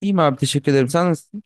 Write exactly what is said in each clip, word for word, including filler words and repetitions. İyiyim abi teşekkür ederim. Sen nasılsın?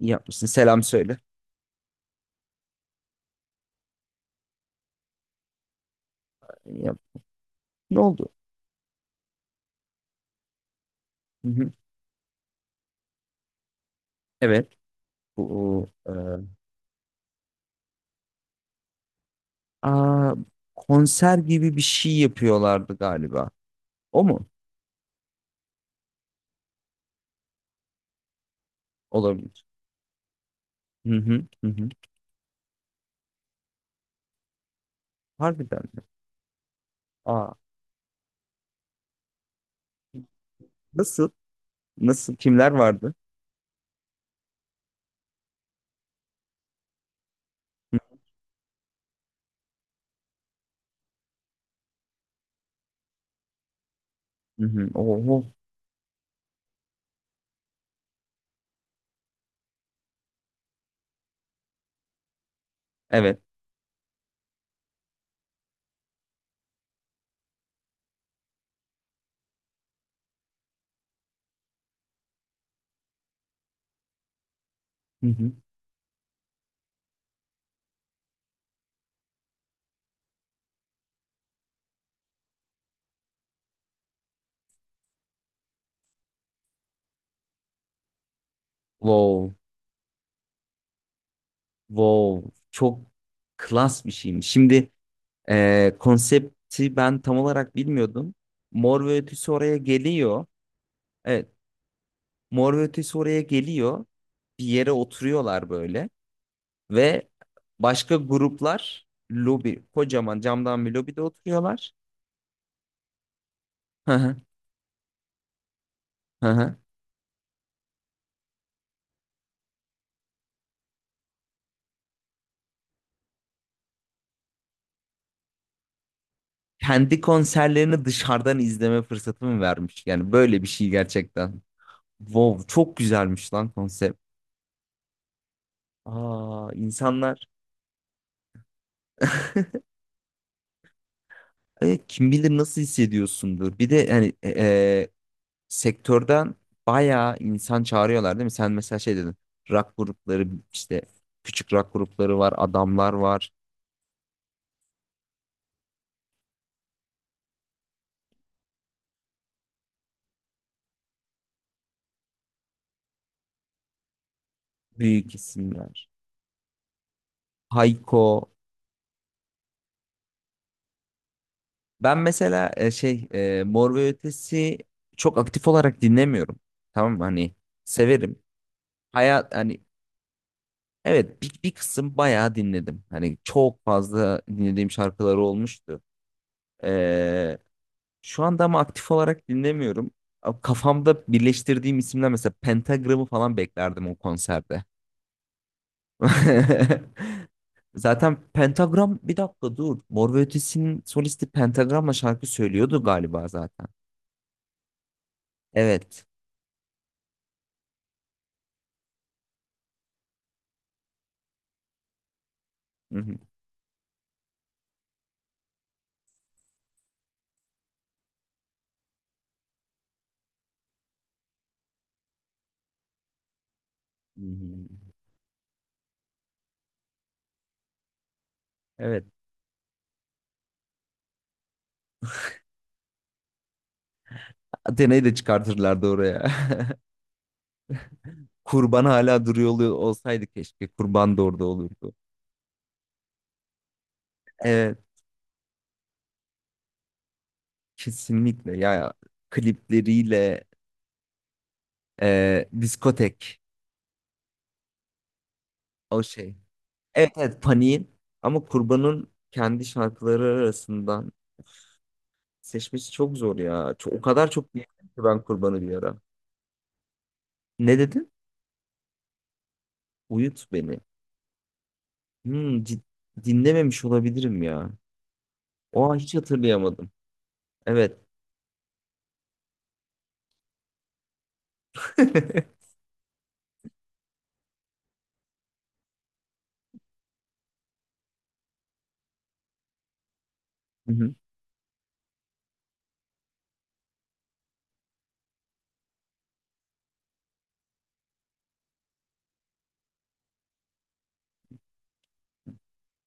İyi yapmışsın. Selam söyle. İyi yap- Ne oldu? Hı hı. Evet. Bu, e, aa, konser gibi bir şey yapıyorlardı galiba. O mu? Olabilir. Hı hı. Hı hı. Harbiden mi? Aa, nasıl? Nasıl? Kimler vardı? Hı hı. Oho. Evet. Hı hı. Wow. Wow. Çok klas bir şeymiş. Şimdi e, konsepti ben tam olarak bilmiyordum. Mor ve Ötesi oraya geliyor. Evet. Mor ve Ötesi oraya geliyor. Bir yere oturuyorlar böyle. Ve başka gruplar lobi, kocaman camdan bir lobide oturuyorlar. Hı hı, hı hı. Kendi konserlerini dışarıdan izleme fırsatı vermiş? Yani böyle bir şey gerçekten. Wow, çok güzelmiş lan konsept. Aa, insanlar e, kim bilir nasıl hissediyorsundur. Bir de yani e, e, sektörden bayağı insan çağırıyorlar değil mi? Sen mesela şey dedin. Rock grupları işte küçük rock grupları var, adamlar var, büyük isimler. Hayko. Ben mesela e, şey e, Mor ve Ötesi çok aktif olarak dinlemiyorum. Tamam mı? Hani severim. Hayat hani evet bir, bir kısım bayağı dinledim. Hani çok fazla dinlediğim şarkıları olmuştu. Şu anda ama aktif olarak dinlemiyorum. A- Kafamda birleştirdiğim isimler mesela Pentagram'ı falan beklerdim o konserde. Zaten Pentagram bir dakika dur. Mor ve Ötesi'nin solisti Pentagram'la şarkı söylüyordu galiba zaten. Evet. Hı hı. Hı hı. Evet. Atena'yı da çıkartırlardı oraya. Kurban hala duruyor oluyor- olsaydı keşke. Kurban da orada olurdu. Evet. Kesinlikle ya. Klipleriyle e, diskotek. O şey. Evet, evet. Paniğin ama Kurban'ın kendi şarkıları arasından seçmesi çok zor ya. Çok, o kadar çok dinledim ki ben Kurban'ı bir ara. Ne dedin? Uyut beni. Hmm, cid- dinlememiş olabilirim ya. O an hiç hatırlayamadım. Evet. Hı hı,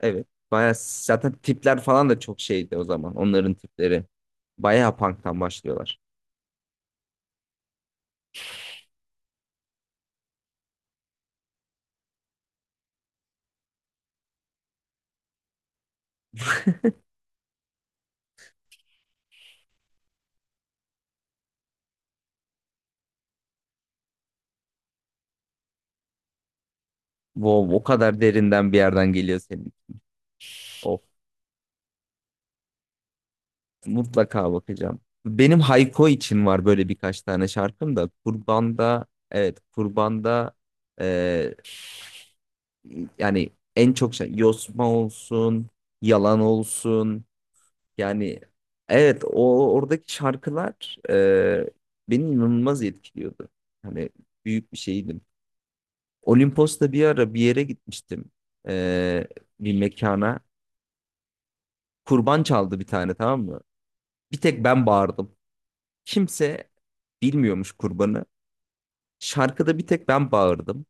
evet. Baya zaten tipler falan da çok şeydi o zaman. Onların tipleri. Bayağı punk'tan başlıyorlar. Wow, o kadar derinden bir yerden geliyor senin. Of. Mutlaka bakacağım. Benim Hayko için var böyle birkaç tane şarkım da Kurban'da, evet, Kurban'da, e, yani en çok şey Yosma olsun, Yalan olsun, yani evet o oradaki şarkılar e, beni inanılmaz etkiliyordu. Hani büyük bir şeydim. Olimpos'ta bir ara bir yere gitmiştim, e, bir mekana. Kurban çaldı bir tane tamam mı? Bir tek ben bağırdım. Kimse bilmiyormuş kurbanı. Şarkıda bir tek ben bağırdım.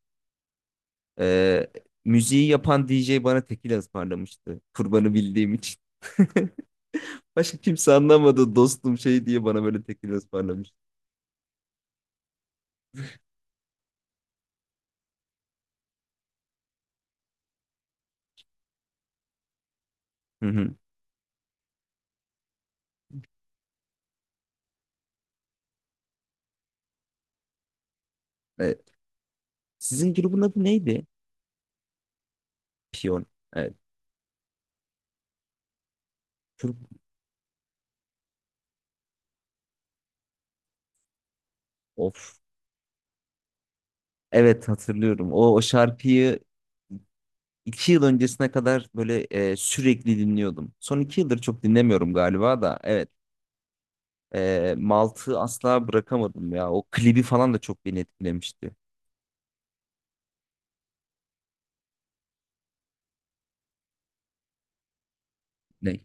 Ee, Müziği yapan D J bana tekila ısmarlamıştı. Kurbanı bildiğim için. Başka kimse anlamadı dostum şey diye bana böyle tekila ısmarlamış. Hı hı. Evet. Sizin grubun adı neydi? Piyon. Evet. Tur- Of. Evet hatırlıyorum. O, o şarkıyı iki yıl öncesine kadar böyle e, sürekli dinliyordum. Son iki yıldır çok dinlemiyorum galiba da. Evet. E, Malt'ı asla bırakamadım ya. O klibi falan da çok beni etkilemişti. Ne?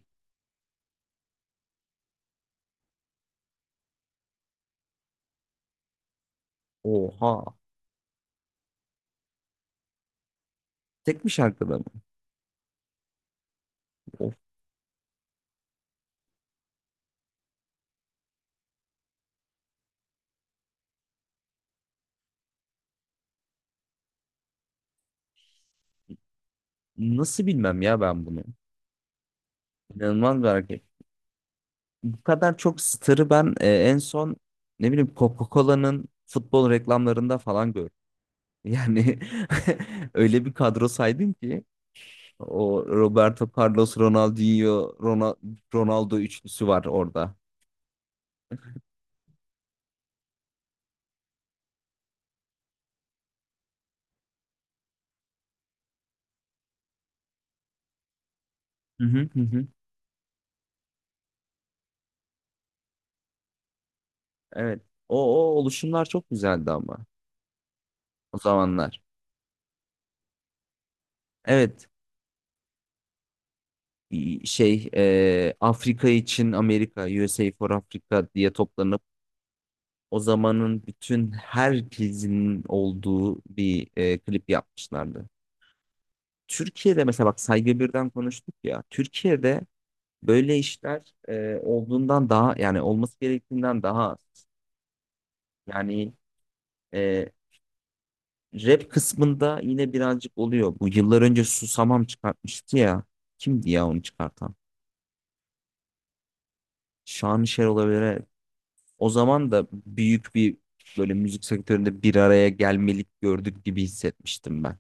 Oha. Tek bir şarkıda mı? Of, nasıl bilmem ya ben bunu. İnanılmaz bir hareket. Bu kadar çok starı ben e, en son ne bileyim Coca-Cola'nın futbol reklamlarında falan gördüm. Yani öyle bir kadro saydım ki o Roberto Carlos, Ronaldinho, Rona- Ronaldo üçlüsü var orada. Hı hı hı. Hı. Evet. O, o oluşumlar çok güzeldi ama o zamanlar. Evet. i- Şey e, Afrika için Amerika, U S A for Africa diye toplarını O zamanın bütün herkesin olduğu bir e, klip yapmışlardı. Türkiye'de mesela bak Saygı Birden konuştuk ya. Türkiye'de böyle işler e, olduğundan daha yani olması gerektiğinden daha az. Yani e, rap kısmında yine birazcık oluyor. Bu yıllar önce Susamam çıkartmıştı ya. Kimdi ya onu çıkartan? Şanışer olabilir. Evet. O zaman da büyük bir böyle müzik sektöründe bir araya gelmelik gördük gibi hissetmiştim ben.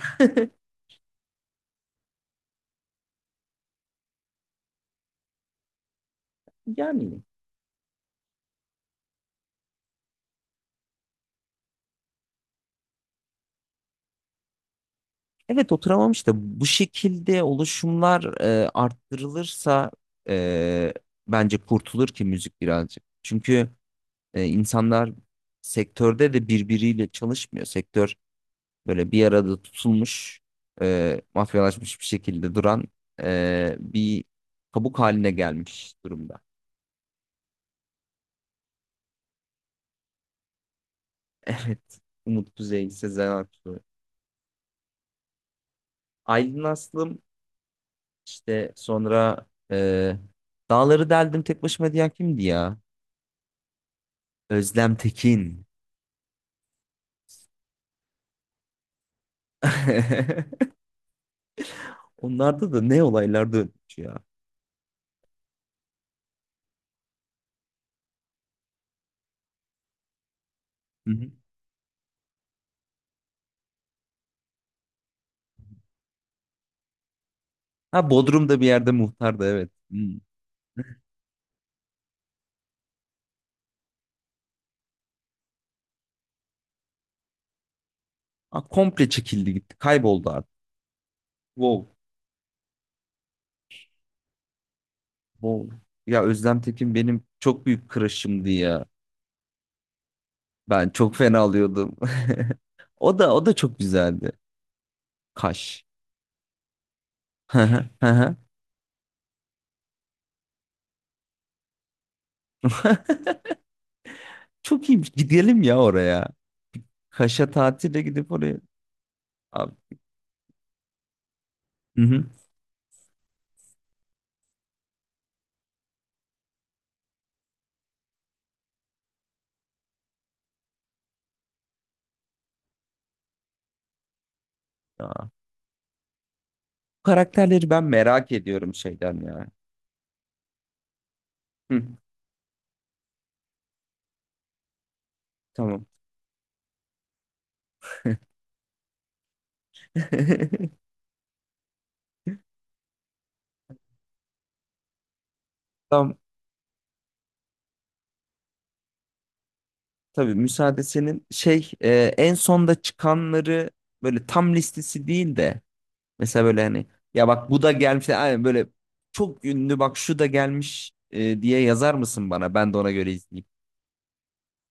Yani, evet, oturamamış da bu şekilde oluşumlar e, arttırılırsa, e, bence kurtulur ki müzik birazcık. Çünkü e, insanlar sektörde de birbiriyle çalışmıyor. Sektör böyle bir arada tutulmuş, e, mafyalaşmış bir şekilde duran e, bir kabuk haline gelmiş durumda. Evet. Umut Kuzey, Sezen Aksu. Aylin Aslım işte sonra e, Dağları deldim tek başıma diyen kimdi ya? Özlem Tekin. Onlarda da ne olaylar dönmüş ya. Hı hı. Ha Bodrum'da bir yerde muhtardı evet. Hmm. Ha, komple çekildi gitti. Kayboldu artık. Wow. Wow. Ya Özlem Tekin benim çok büyük crush'ımdı ya. Ben çok fena alıyordum. O da o da çok güzeldi. Kaş. Hı hı, hı hı. Çok iyiymiş. Gidelim ya oraya. Kaş'a tatile gidip oraya. Abi. Hı hı. Ya. Bu karakterleri ben merak ediyorum şeyden ya. Hı. Tamam. Tamam tabii müsaade senin. Şey e, en sonda çıkanları böyle tam listesi değil de mesela böyle hani ya bak bu da gelmiş aynen böyle çok ünlü bak şu da gelmiş e, diye yazar mısın bana? Ben de ona göre izleyeyim.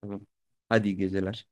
Tamam. Hadi iyi geceler.